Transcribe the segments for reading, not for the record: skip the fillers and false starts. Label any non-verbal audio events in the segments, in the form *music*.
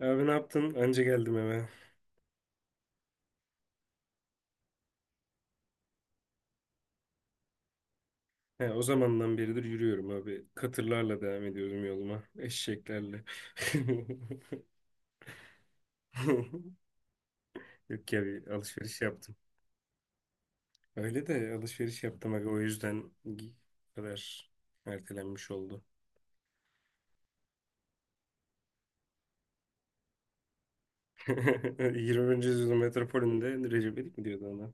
Abi ne yaptın? Anca geldim eve. He, o zamandan beridir yürüyorum abi. Katırlarla devam ediyorum yoluma. Eşeklerle. *laughs* Yok ya bir alışveriş yaptım. Öyle de alışveriş yaptım aga o yüzden bu kadar ertelenmiş oldu. *laughs* 20. yüzyıl metropolünde Recep İvedik mi diyordu ona?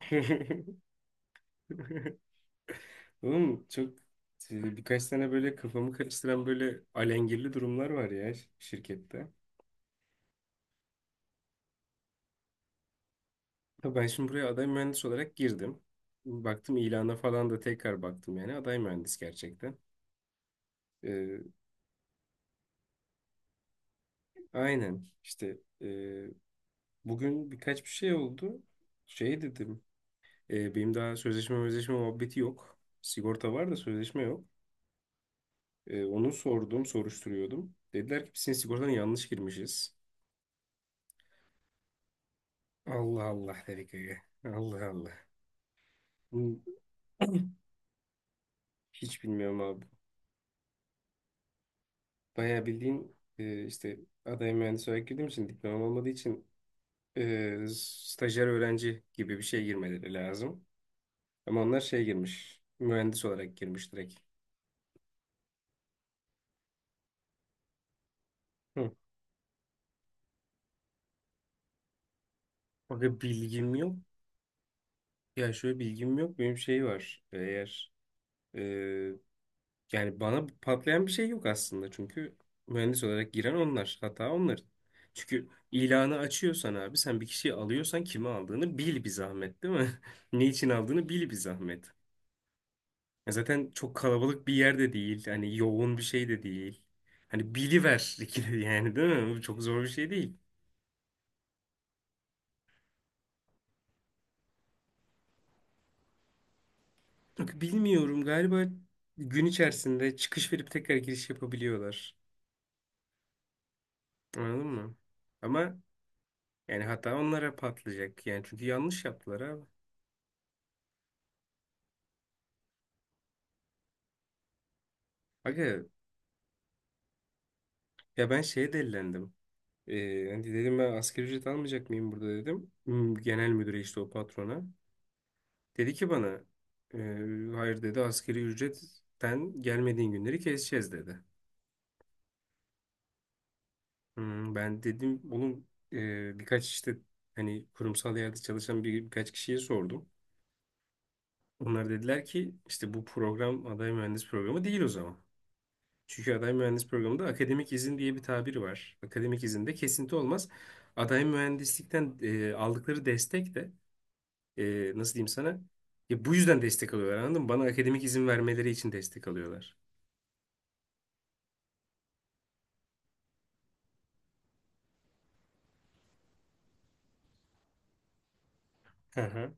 *laughs* Oğlum çok birkaç tane böyle kafamı karıştıran böyle alengirli durumlar var ya şirkette. Ya ben şimdi buraya aday mühendis olarak girdim. Baktım ilana falan da tekrar baktım, yani aday mühendis gerçekten. Ee, aynen işte, bugün birkaç bir şey oldu. Şey dedim, benim daha sözleşme muhabbeti yok. Sigorta var da sözleşme yok. E, onu sordum soruşturuyordum. Dediler ki biz senin sigortana yanlış girmişiz. Allah Allah dedik öyle. Allah Allah. Bu- *clears throat* Hiç bilmiyorum abi. Bayağı bildiğin, işte aday mühendis olarak girdiğim için, diplomam olmadığı için stajyer öğrenci gibi bir şey girmeleri lazım. Ama onlar şey girmiş. Mühendis olarak girmiş direkt. Hı. Bakın bilgim yok. Ya şöyle, bilgim yok. Benim şey var. Eğer e, yani bana patlayan bir şey yok aslında. Çünkü mühendis olarak giren onlar. Hata onların. Çünkü ilanı açıyorsan abi, sen bir kişiyi alıyorsan kimi aldığını bil bir zahmet, değil mi? *laughs* Ne için aldığını bil bir zahmet. Ya zaten çok kalabalık bir yer de değil. Hani yoğun bir şey de değil. Hani biliver *laughs* ikili yani, değil mi? Bu çok zor bir şey değil. Bak bilmiyorum, galiba gün içerisinde çıkış verip tekrar giriş yapabiliyorlar. Anladın mı? Ama yani hata onlara patlayacak. Yani çünkü yanlış yaptılar abi. Aga ya ben şeye delilendim. Hani dedim ben asgari ücret almayacak mıyım burada dedim. Hmm, genel müdüre, işte o patrona. Dedi ki bana "Ee, hayır" dedi, "askeri ücretten gelmediğin günleri keseceğiz" dedi. Hmm, ben dedim oğlum, birkaç işte hani kurumsal yerde çalışan birkaç kişiye sordum. Onlar dediler ki işte bu program aday mühendis programı değil o zaman. Çünkü aday mühendis programında akademik izin diye bir tabir var. Akademik izinde kesinti olmaz. Aday mühendislikten aldıkları destek de, nasıl diyeyim sana? Ya bu yüzden destek alıyorlar, anladın mı? Bana akademik izin vermeleri için destek alıyorlar. Hı hı.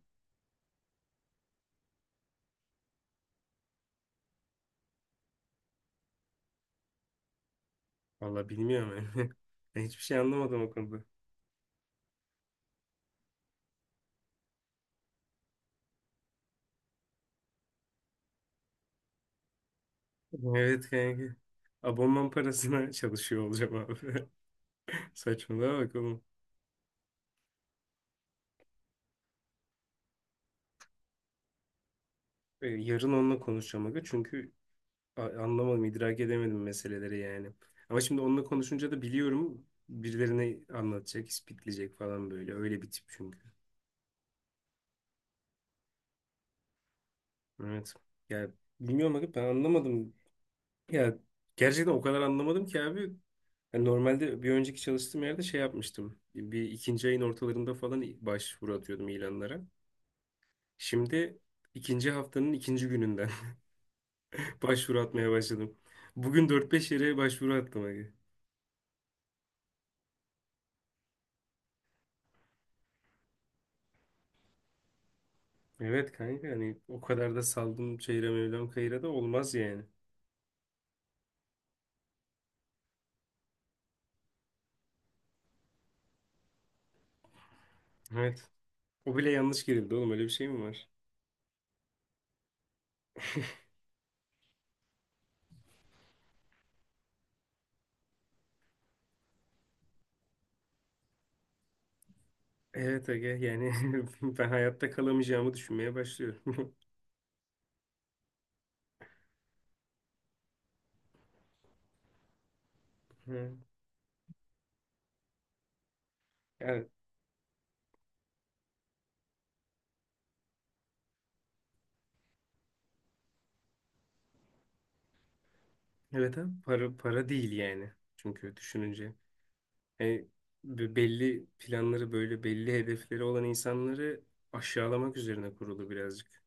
Valla bilmiyorum. *laughs* Yani. Ben hiçbir şey anlamadım o konuda. Evet kanka. Abonman parasına *laughs* çalışıyor olacağım abi. *laughs* Saçmalama bak oğlum. Yarın onunla konuşacağım aga. Çünkü anlamadım, idrak edemedim meseleleri yani. Ama şimdi onunla konuşunca da biliyorum birilerine anlatacak, ispitleyecek falan böyle. Öyle bir tip çünkü. Evet. Ya bilmiyorum aga, ben anlamadım. Ya gerçekten o kadar anlamadım ki abi. Yani normalde bir önceki çalıştığım yerde şey yapmıştım. Bir, ikinci ayın ortalarında falan başvuru atıyordum ilanlara. Şimdi ikinci haftanın ikinci gününden *laughs* başvuru atmaya başladım. Bugün dört beş yere başvuru attım abi. Evet kanka, hani o kadar da saldım çeyre mevlam kayıra da olmaz yani. Evet. O bile yanlış girildi oğlum, öyle bir şey mi var? Evet aga yani *laughs* ben hayatta kalamayacağımı düşünmeye başlıyorum. *laughs* Evet. Evet abi, para para değil yani. Çünkü düşününce, yani belli planları, böyle belli hedefleri olan insanları aşağılamak üzerine kurulu birazcık.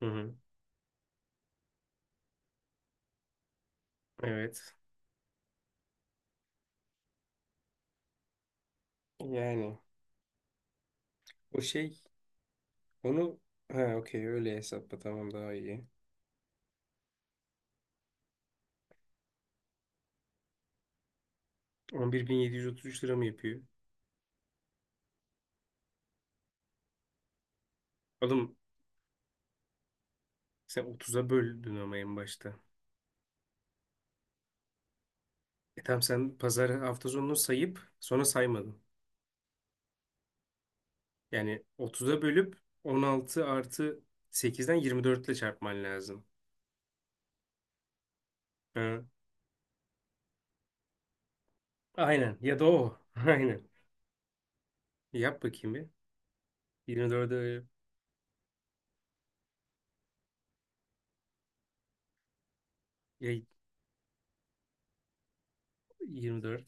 Hı hı. Evet. Yani o şey, onu, ha okey, öyle hesapla, tamam daha iyi. 11.733 lira mı yapıyor? Oğlum sen 30'a böldün ama en başta. E tamam, sen pazar hafta sonunu sayıp sonra saymadın. Yani 30'a bölüp 16 artı 8'den 24 ile çarpman lazım. Ha. Aynen. Ya da o. *laughs* Aynen. Yap bakayım bir. 24'e ya 24.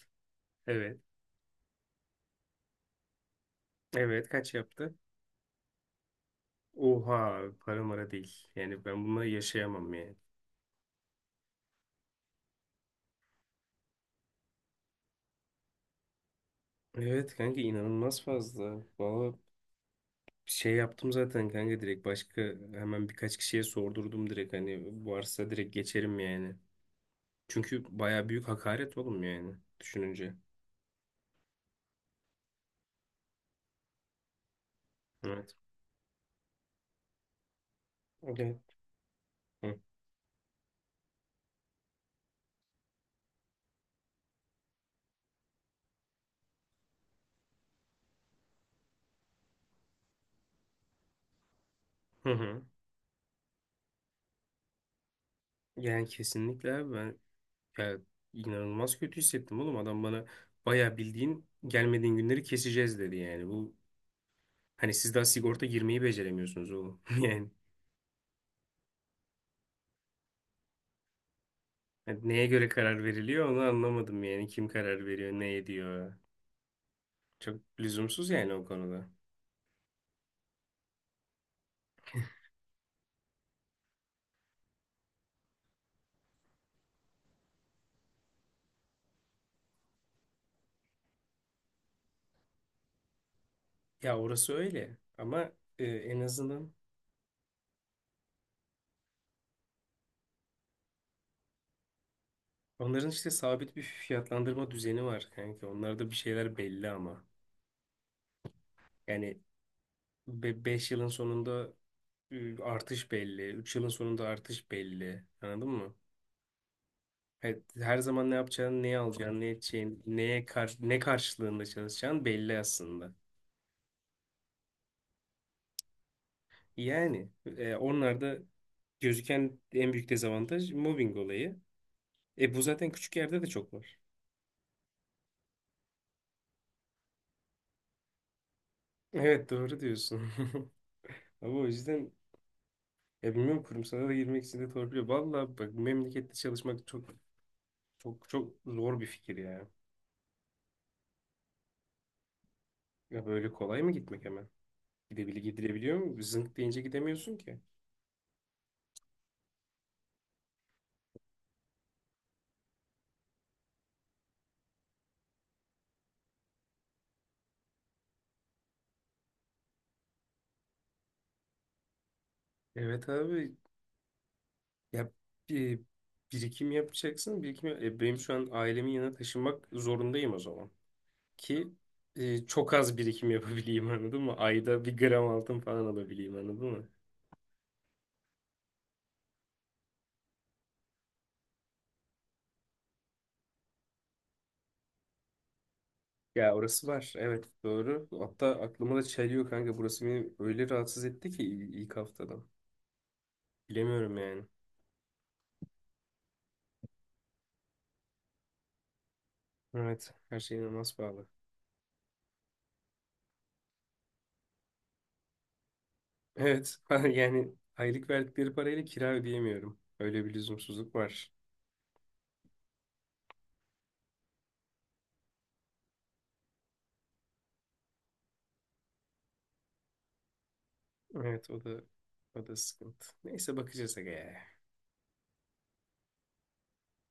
Evet. Evet. Kaç yaptı? Oha. Para mara değil. Yani ben bununla yaşayamam yani. Evet kanka, inanılmaz fazla. Valla şey yaptım zaten kanka, direkt başka, hemen birkaç kişiye sordurdum, direkt hani varsa direkt geçerim yani. Çünkü baya büyük hakaret oğlum yani, düşününce. Evet. Evet. Hı. Hı hı. Yani kesinlikle abi, ben ya inanılmaz kötü hissettim oğlum. Adam bana bayağı bildiğin "gelmediğin günleri keseceğiz" dedi yani. Bu, hani siz daha sigorta girmeyi beceremiyorsunuz oğlum. *laughs* Yani hani neye göre karar veriliyor onu anlamadım yani. Kim karar veriyor, ne ediyor. Çok lüzumsuz yani o konuda. Ya orası öyle ama en azından onların işte sabit bir fiyatlandırma düzeni var kanka. Onlarda bir şeyler belli ama. Yani 5 yılın sonunda artış belli, 3 yılın sonunda artış belli. Anladın mı? Evet, her zaman ne yapacağın, neye alacağın, ne edeceğin, neye kar, ne karşılığında çalışacağın belli aslında. Yani onlar gözüken en büyük dezavantaj mobbing olayı. E bu zaten küçük yerde de çok var. Evet doğru diyorsun. *laughs* Ama o yüzden ya bilmiyorum, kurumsala da girmek için de torpiliyor. Valla bak, memlekette çalışmak çok çok çok zor bir fikir ya. Ya böyle kolay mı gitmek hemen? Gidilebiliyor mu? Zınk deyince gidemiyorsun ki. Evet abi. Ya bir birikim yapacaksın. Birikim, benim şu an ailemin yanına taşınmak zorundayım o zaman. Ki çok az birikim yapabileyim *laughs* anladın mı? Ayda bir gram altın falan alabileyim, anladın mı? Ya orası var. Evet doğru. Hatta aklıma da çeliyor kanka. Burası beni öyle rahatsız etti ki ilk haftadan. Bilemiyorum yani. Evet. Her şey inanılmaz pahalı. Evet. *laughs* Yani aylık verdikleri parayla kira ödeyemiyorum. Öyle bir lüzumsuzluk var. Evet, o da sıkıntı. Neyse bakacağız aga ya.